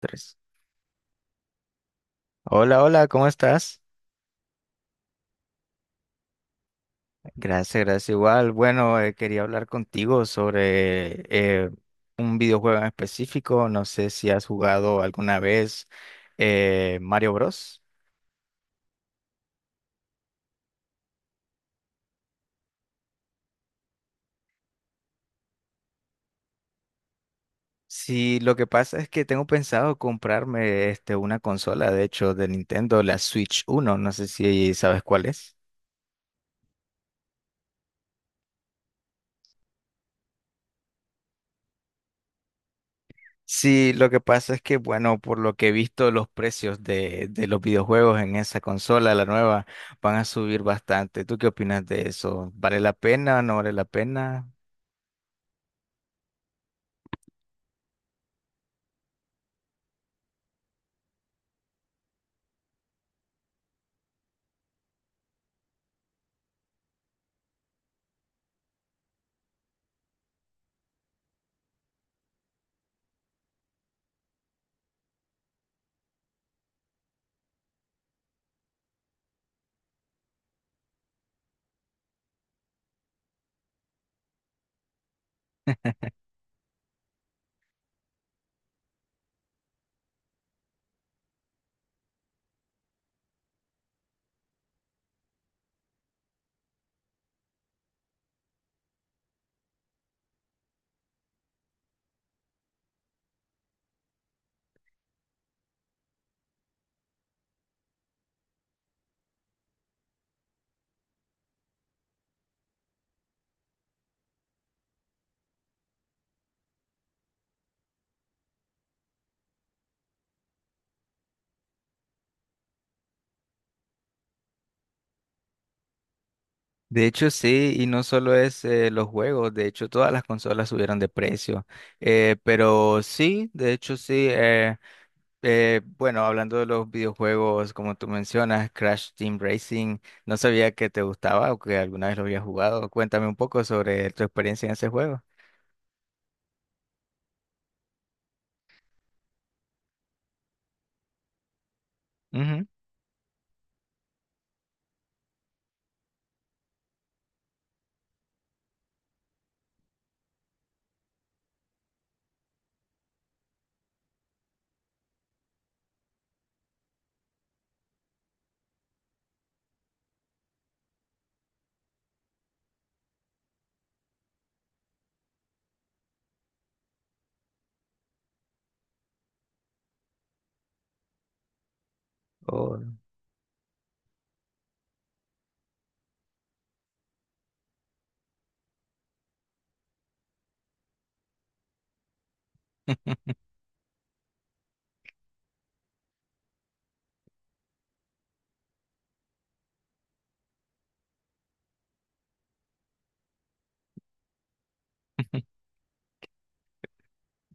Tres. Hola, hola, ¿cómo estás? Gracias, gracias igual. Bueno, quería hablar contigo sobre un videojuego en específico. No sé si has jugado alguna vez Mario Bros. Sí, lo que pasa es que tengo pensado comprarme este, una consola, de hecho, de Nintendo, la Switch uno. No sé si sabes cuál es. Sí, lo que pasa es que, bueno, por lo que he visto, los precios de los videojuegos en esa consola, la nueva, van a subir bastante. ¿Tú qué opinas de eso? ¿Vale la pena o no vale la pena? De hecho, sí, y no solo es los juegos, de hecho, todas las consolas subieron de precio. Pero sí, de hecho, sí. Bueno, hablando de los videojuegos, como tú mencionas, Crash Team Racing, no sabía que te gustaba o que alguna vez lo habías jugado. Cuéntame un poco sobre tu experiencia en ese juego. Oh.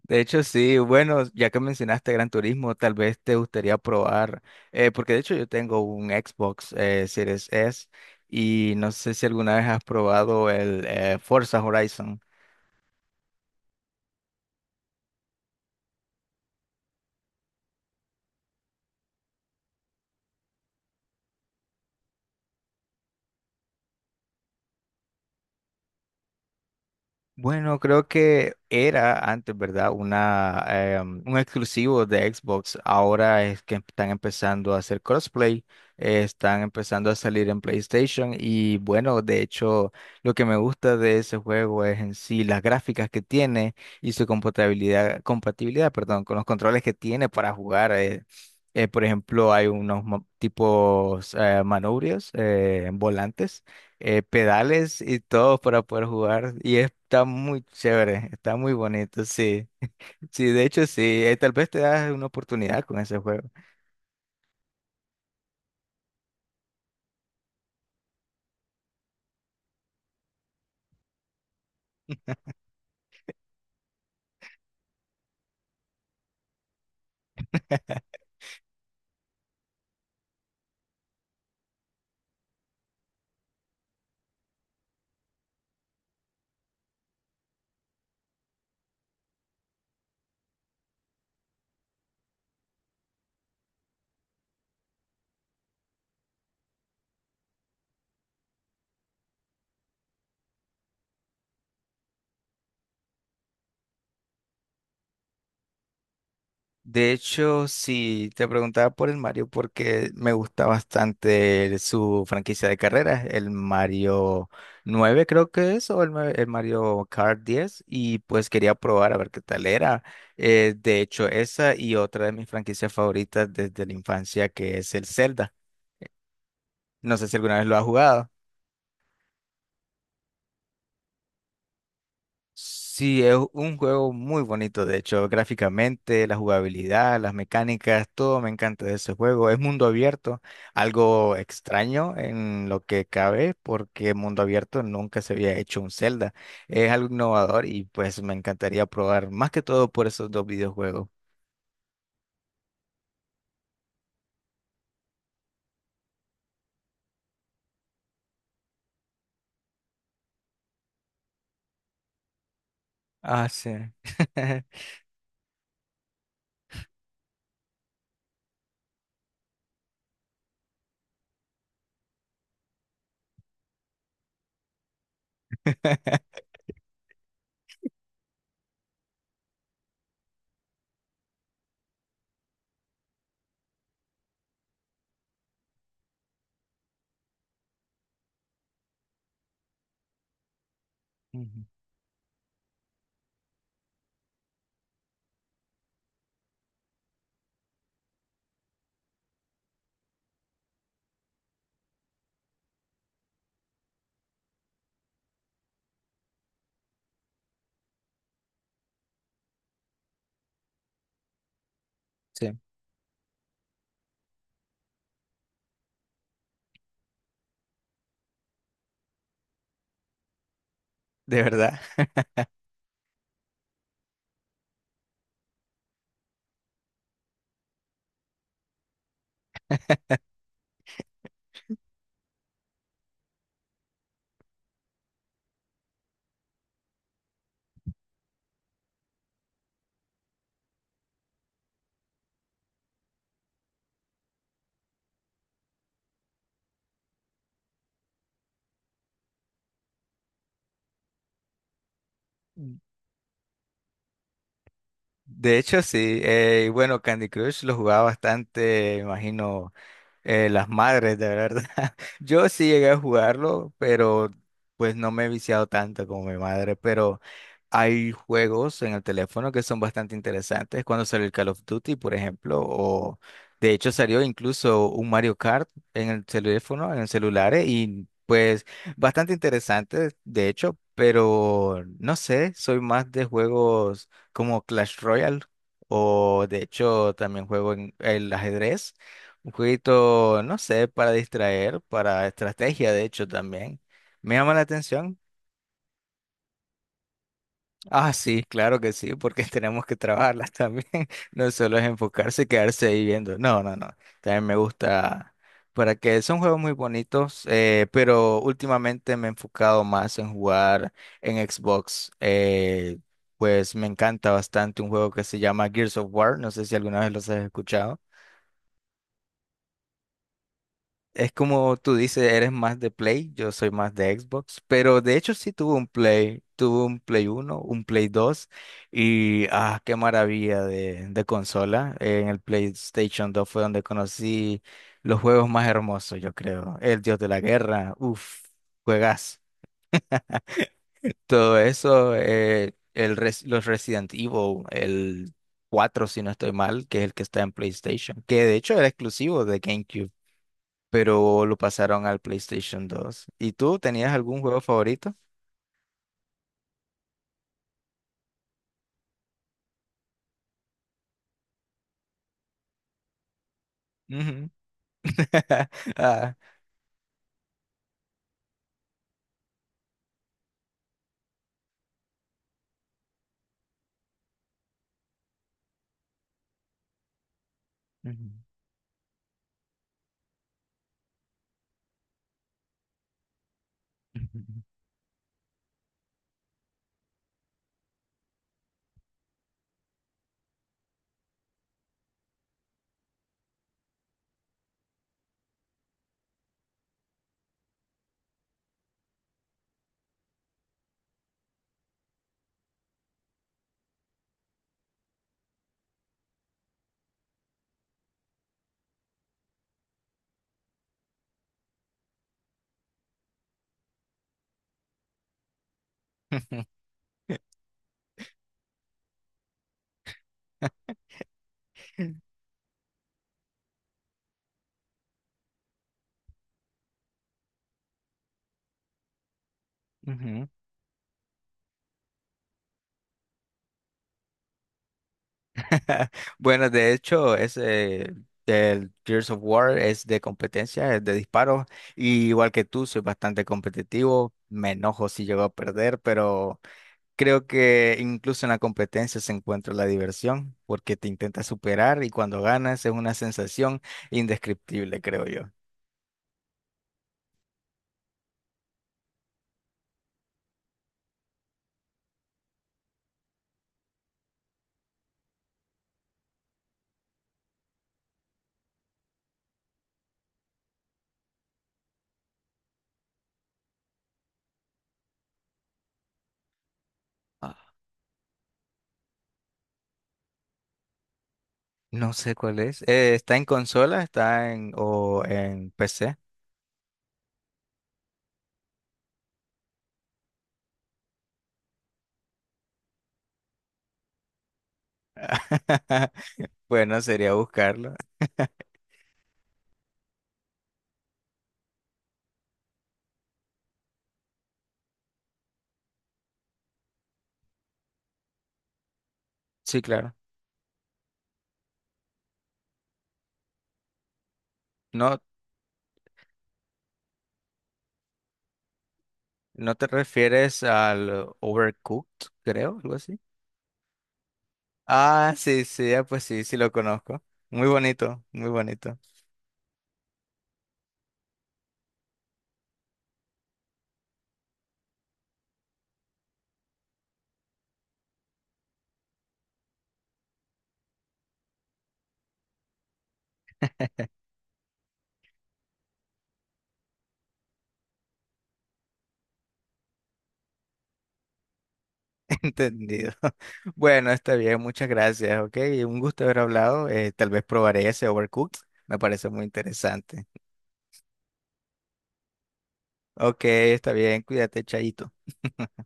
De hecho, sí, bueno, ya que mencionaste Gran Turismo, tal vez te gustaría probar, porque de hecho yo tengo un Xbox Series S y no sé si alguna vez has probado el Forza Horizon. Bueno, creo que era antes, ¿verdad? Un exclusivo de Xbox. Ahora es que están empezando a hacer crossplay, están empezando a salir en PlayStation y bueno, de hecho, lo que me gusta de ese juego es en sí las gráficas que tiene y su compatibilidad, perdón, con los controles que tiene para jugar. Por ejemplo, hay unos tipos manubrios, volantes pedales y todo para poder jugar. Y está muy chévere, está muy bonito, sí. Sí, de hecho, sí, tal vez te das una oportunidad con ese juego. De hecho, sí, te preguntaba por el Mario porque me gusta bastante su franquicia de carreras, el Mario 9 creo que es, o el Mario Kart 10 y pues quería probar a ver qué tal era. De hecho, esa y otra de mis franquicias favoritas desde la infancia que es el Zelda. No sé si alguna vez lo has jugado. Sí, es un juego muy bonito, de hecho, gráficamente, la jugabilidad, las mecánicas, todo me encanta de ese juego. Es mundo abierto, algo extraño en lo que cabe, porque mundo abierto nunca se había hecho un Zelda. Es algo innovador y pues me encantaría probar más que todo por esos dos videojuegos. Ah, sí. Ujú. Sí, de verdad. De hecho, sí. Y bueno, Candy Crush lo jugaba bastante, me imagino, las madres, de verdad. Yo sí llegué a jugarlo, pero pues no me he viciado tanto como mi madre. Pero hay juegos en el teléfono que son bastante interesantes. Cuando salió el Call of Duty, por ejemplo, o de hecho salió incluso un Mario Kart en el teléfono, en el celular, y pues bastante interesante, de hecho, pero no sé, soy más de juegos como Clash Royale o de hecho también juego en el ajedrez, un jueguito, no sé, para distraer, para estrategia de hecho también. Me llama la atención. Ah, sí, claro que sí, porque tenemos que trabajarlas también. No solo es enfocarse y quedarse ahí viendo. No, no, no. También me gusta, para que son juegos muy bonitos, pero últimamente me he enfocado más en jugar en Xbox. Pues me encanta bastante un juego que se llama Gears of War. No sé si alguna vez los has escuchado. Es como tú dices, eres más de Play, yo soy más de Xbox, pero de hecho sí tuve un Play uno, un Play 2 y ah, qué maravilla de consola. En el PlayStation 2 fue donde conocí los juegos más hermosos, yo creo. El Dios de la Guerra, uff, juegas. Todo eso, los Resident Evil, el 4 si no estoy mal, que es el que está en PlayStation, que de hecho era exclusivo de GameCube pero lo pasaron al PlayStation 2. ¿Y tú tenías algún juego favorito? Ujú. Ah, ujú, ujú, ujú. Bueno, de hecho, ese el Gears of War es de competencia, es de disparos. Y igual que tú, soy bastante competitivo. Me enojo si llego a perder, pero creo que incluso en la competencia se encuentra la diversión, porque te intentas superar y cuando ganas es una sensación indescriptible, creo yo. No sé cuál es. ¿Está en consola? ¿Está en o en PC? Bueno, sería buscarlo. Sí, claro. No, no te refieres al Overcooked, creo, algo así. Ah, sí, sí, ah, pues sí, sí lo conozco. Muy bonito, muy bonito. Entendido. Bueno, está bien, muchas gracias, ok. Un gusto haber hablado. Tal vez probaré ese Overcooked. Me parece muy interesante. Ok, está bien, cuídate, Chaito.